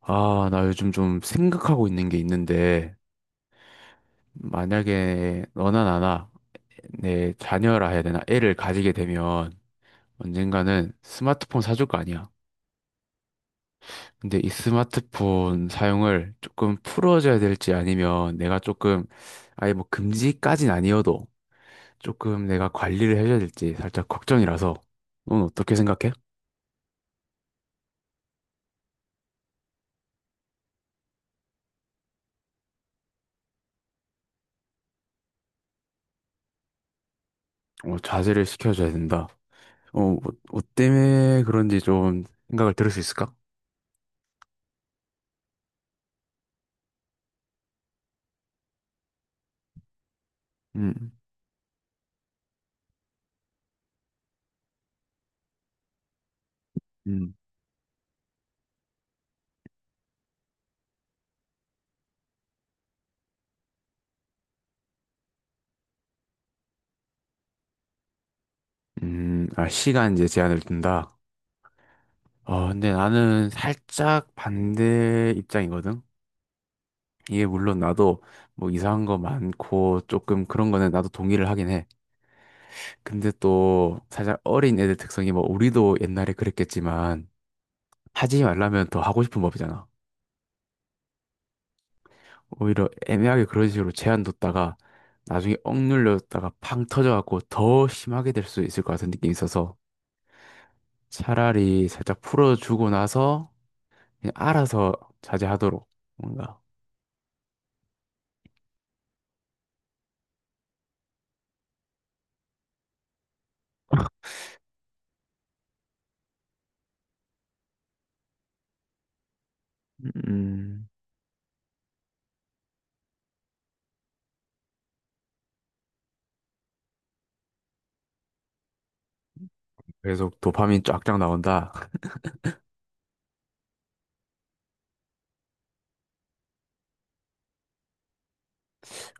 아, 나 요즘 좀 생각하고 있는 게 있는데, 만약에 너나 나나 내 자녀라 해야 되나? 애를 가지게 되면 언젠가는 스마트폰 사줄 거 아니야. 근데 이 스마트폰 사용을 조금 풀어줘야 될지 아니면 내가 조금 아예 뭐 금지까진 아니어도 조금 내가 관리를 해줘야 될지 살짝 걱정이라서 넌 어떻게 생각해? 어, 자제를 시켜줘야 된다. 어, 뭐 때문에 그런지 좀 생각을 들을 수 있을까? 음. 아, 시간 이제 제한을 둔다. 어, 근데 나는 살짝 반대 입장이거든. 이게 물론 나도 뭐 이상한 거 많고 조금 그런 거는 나도 동의를 하긴 해. 근데 또 살짝 어린 애들 특성이 뭐 우리도 옛날에 그랬겠지만 하지 말라면 더 하고 싶은 법이잖아. 오히려 애매하게 그런 식으로 제한 뒀다가 나중에 억눌렸다가 팡 터져갖고 더 심하게 될 수 있을 것 같은 느낌이 있어서 차라리 살짝 풀어주고 나서 그냥 알아서 자제하도록 뭔가 음, 계속 도파민 쫙쫙 나온다.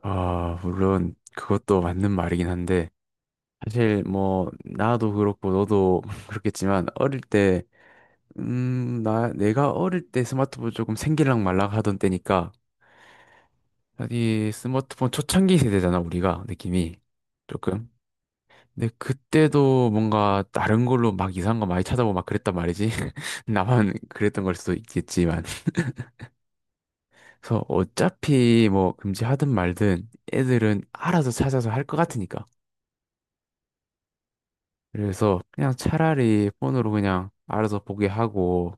아, 물론 그것도 맞는 말이긴 한데 사실 뭐 나도 그렇고 너도 그렇겠지만 어릴 때 나 내가 어릴 때 스마트폰 조금 생길랑 말랑 하던 때니까 이 스마트폰 초창기 세대잖아 우리가 느낌이 조금. 근데 그때도 뭔가 다른 걸로 막 이상한 거 많이 찾아보고 막 그랬단 말이지. 나만 그랬던 걸 수도 있겠지만. 그래서 어차피 뭐 금지하든 말든 애들은 알아서 찾아서 할 것 같으니까. 그래서 그냥 차라리 폰으로 그냥 알아서 보게 하고,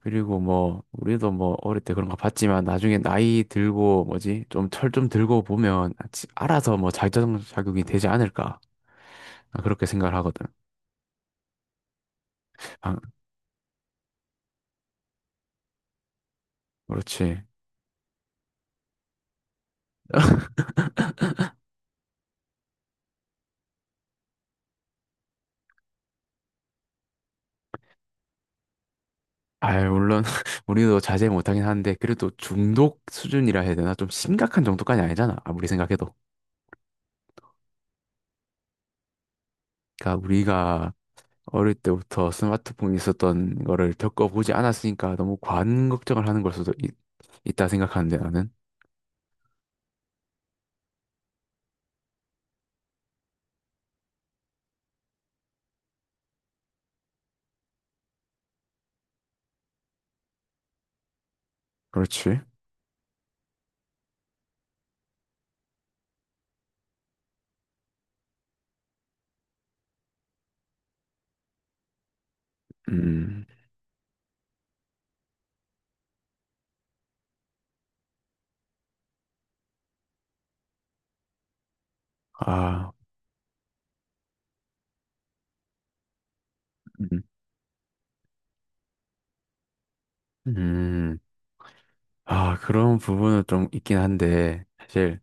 그리고 뭐, 우리도 뭐 어릴 때 그런 거 봤지만 나중에 나이 들고 뭐지, 좀 철 좀 들고 보면 알아서 뭐 자격, 자격이 되지 않을까. 나 그렇게 생각을 하거든. 아, 그렇지. 아 물론 우리도 자제 못하긴 하는데 그래도 중독 수준이라 해야 되나? 좀 심각한 정도까지 아니잖아. 아무리 생각해도. 그러니까 우리가 어릴 때부터 스마트폰이 있었던 거를 겪어보지 않았으니까 너무 과한 걱정을 하는 걸 수도 있다 생각하는데 나는. 그렇지. 음. 아. 음. 음. 아, 그런 부분은 좀 있긴 한데, 사실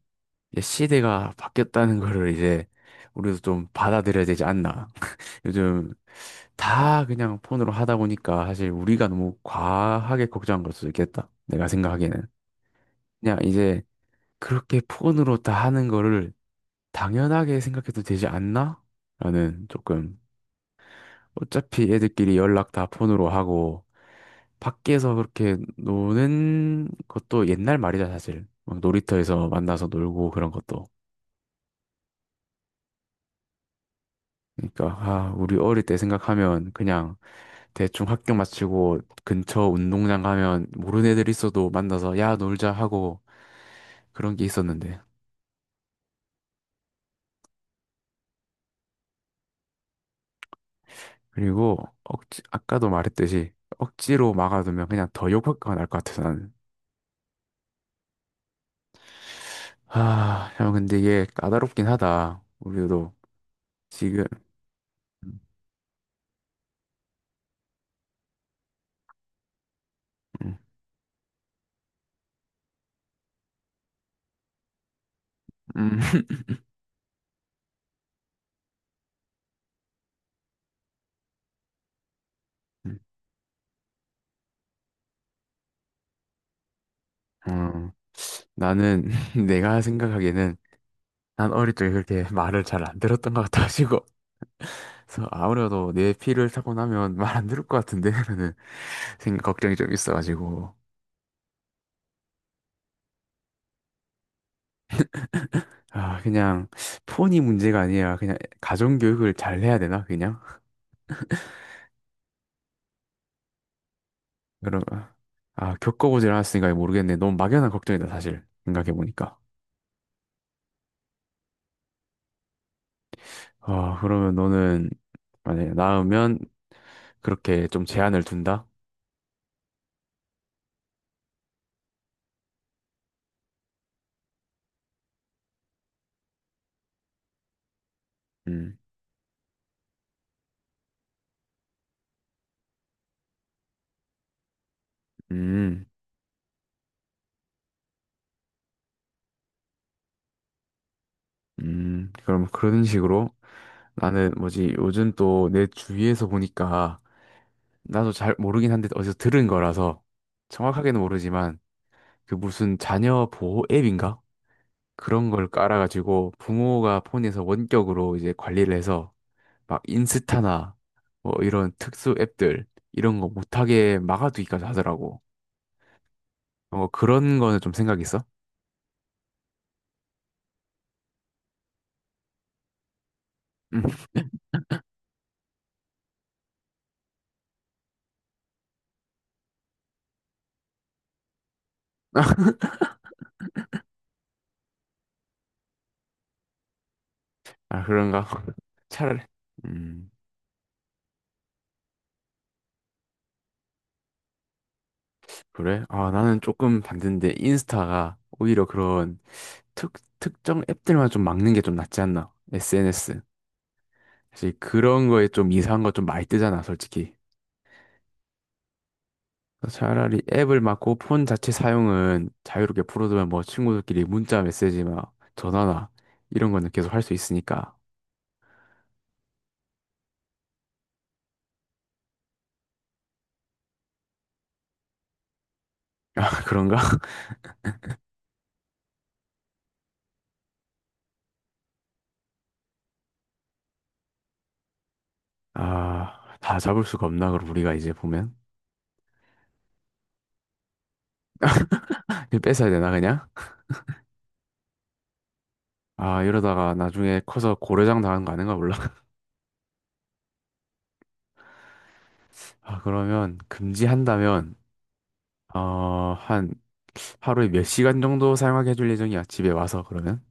이제 시대가 바뀌었다는 거를 이제 우리도 좀 받아들여야 되지 않나. 요즘 다 그냥 폰으로 하다 보니까 사실 우리가 너무 과하게 걱정한 걸 수도 있겠다. 내가 생각하기에는. 그냥 이제 그렇게 폰으로 다 하는 거를 당연하게 생각해도 되지 않나? 라는 조금 어차피 애들끼리 연락 다 폰으로 하고 밖에서 그렇게 노는 것도 옛날 말이다 사실. 막 놀이터에서 만나서 놀고 그런 것도. 그러니까 아, 우리 어릴 때 생각하면 그냥 대충 학교 마치고 근처 운동장 가면 모르는 애들 있어도 만나서 야 놀자 하고 그런 게 있었는데. 그리고 억지 아까도 말했듯이 억지로 막아두면 그냥 더 욕할 거날것 같아서 나는. 아, 형, 근데 이게 까다롭긴 하다. 우리도 지금, 음. 음. 음, 나는 내가 생각하기에는 난 어릴 적에 그렇게 말을 잘 안 들었던 것 같아가지고, 그래서 아무래도 내 피를 타고 나면 말 안 들을 것 같은데, 라는 생각, 걱정이 좀 있어가지고. 아, 그냥 톤이 문제가 아니라 그냥 가정교육을 잘 해야 되나, 그냥? 그럼, 아, 겪어보질 않았으니까 모르겠네. 너무 막연한 걱정이다, 사실. 생각해보니까. 아, 그러면 너는 만약에 낳으면 그렇게 좀 제한을 둔다? 음. 음. 음. 그럼 그런 식으로 나는 뭐지 요즘 또 내 주위에서 보니까 나도 잘 모르긴 한데 어디서 들은 거라서 정확하게는 모르지만 그 무슨 자녀 보호 앱인가? 그런 걸 깔아가지고 부모가 폰에서 원격으로 이제 관리를 해서 막 인스타나 뭐 이런 특수 앱들 이런 거 못하게 막아두기까지 하더라고. 뭐 그런 거는 좀 생각 있어? 음. 아, 그런가? 차라리. 음. 그래? 아, 나는 조금 반대인데, 인스타가 오히려 그런 특, 특정 앱들만 좀 막는 게 좀 낫지 않나? SNS. 사실 그런 거에 좀 이상한 거 좀 많이 뜨잖아, 솔직히. 그래서 차라리 앱을 막고 폰 자체 사용은 자유롭게 풀어두면 뭐 친구들끼리 문자 메시지 막 전화나 이런 거는 계속 할 수 있으니까. 아, 그런가? 아, 다 잡을 수가 없나, 그럼 우리가 이제 보면? 이거 뺏어야 되나, 그냥? 아, 이러다가 나중에 커서 고려장 당한 거 아닌가 몰라. 아, 그러면 금지한다면, 어, 한 하루에 몇 시간 정도 사용하게 해줄 예정이야, 집에 와서 그러면?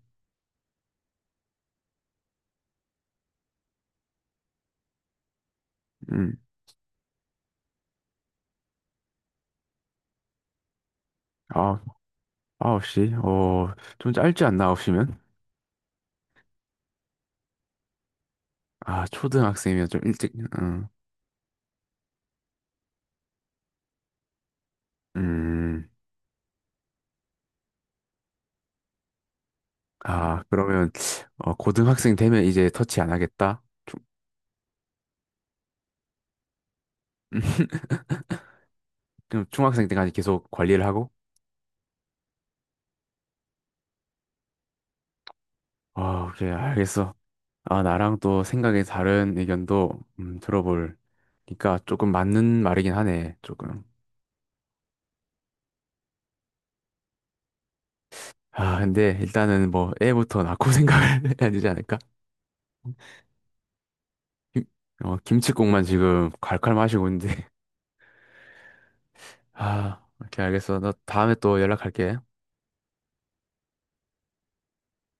음, 아, 9시? 어, 좀 짧지 않나, 9시면? 아, 초등학생이면 좀 일찍, 음. 음. 아, 그러면, 어, 고등학생 되면 이제 터치 안 하겠다? 그럼 중학생 때까지 계속 관리를 하고? 아, 오케이, 알겠어. 아, 나랑 또 생각이 다른 의견도 들어볼니까 조금 맞는 말이긴 하네, 조금. 아, 근데 일단은 뭐 애부터 낳고 생각을 해야 되지 않을까? 김, 김칫국만 지금 콸콸 마시고 있는데. 아, 오케이, 알겠어. 나 다음에 또 연락할게.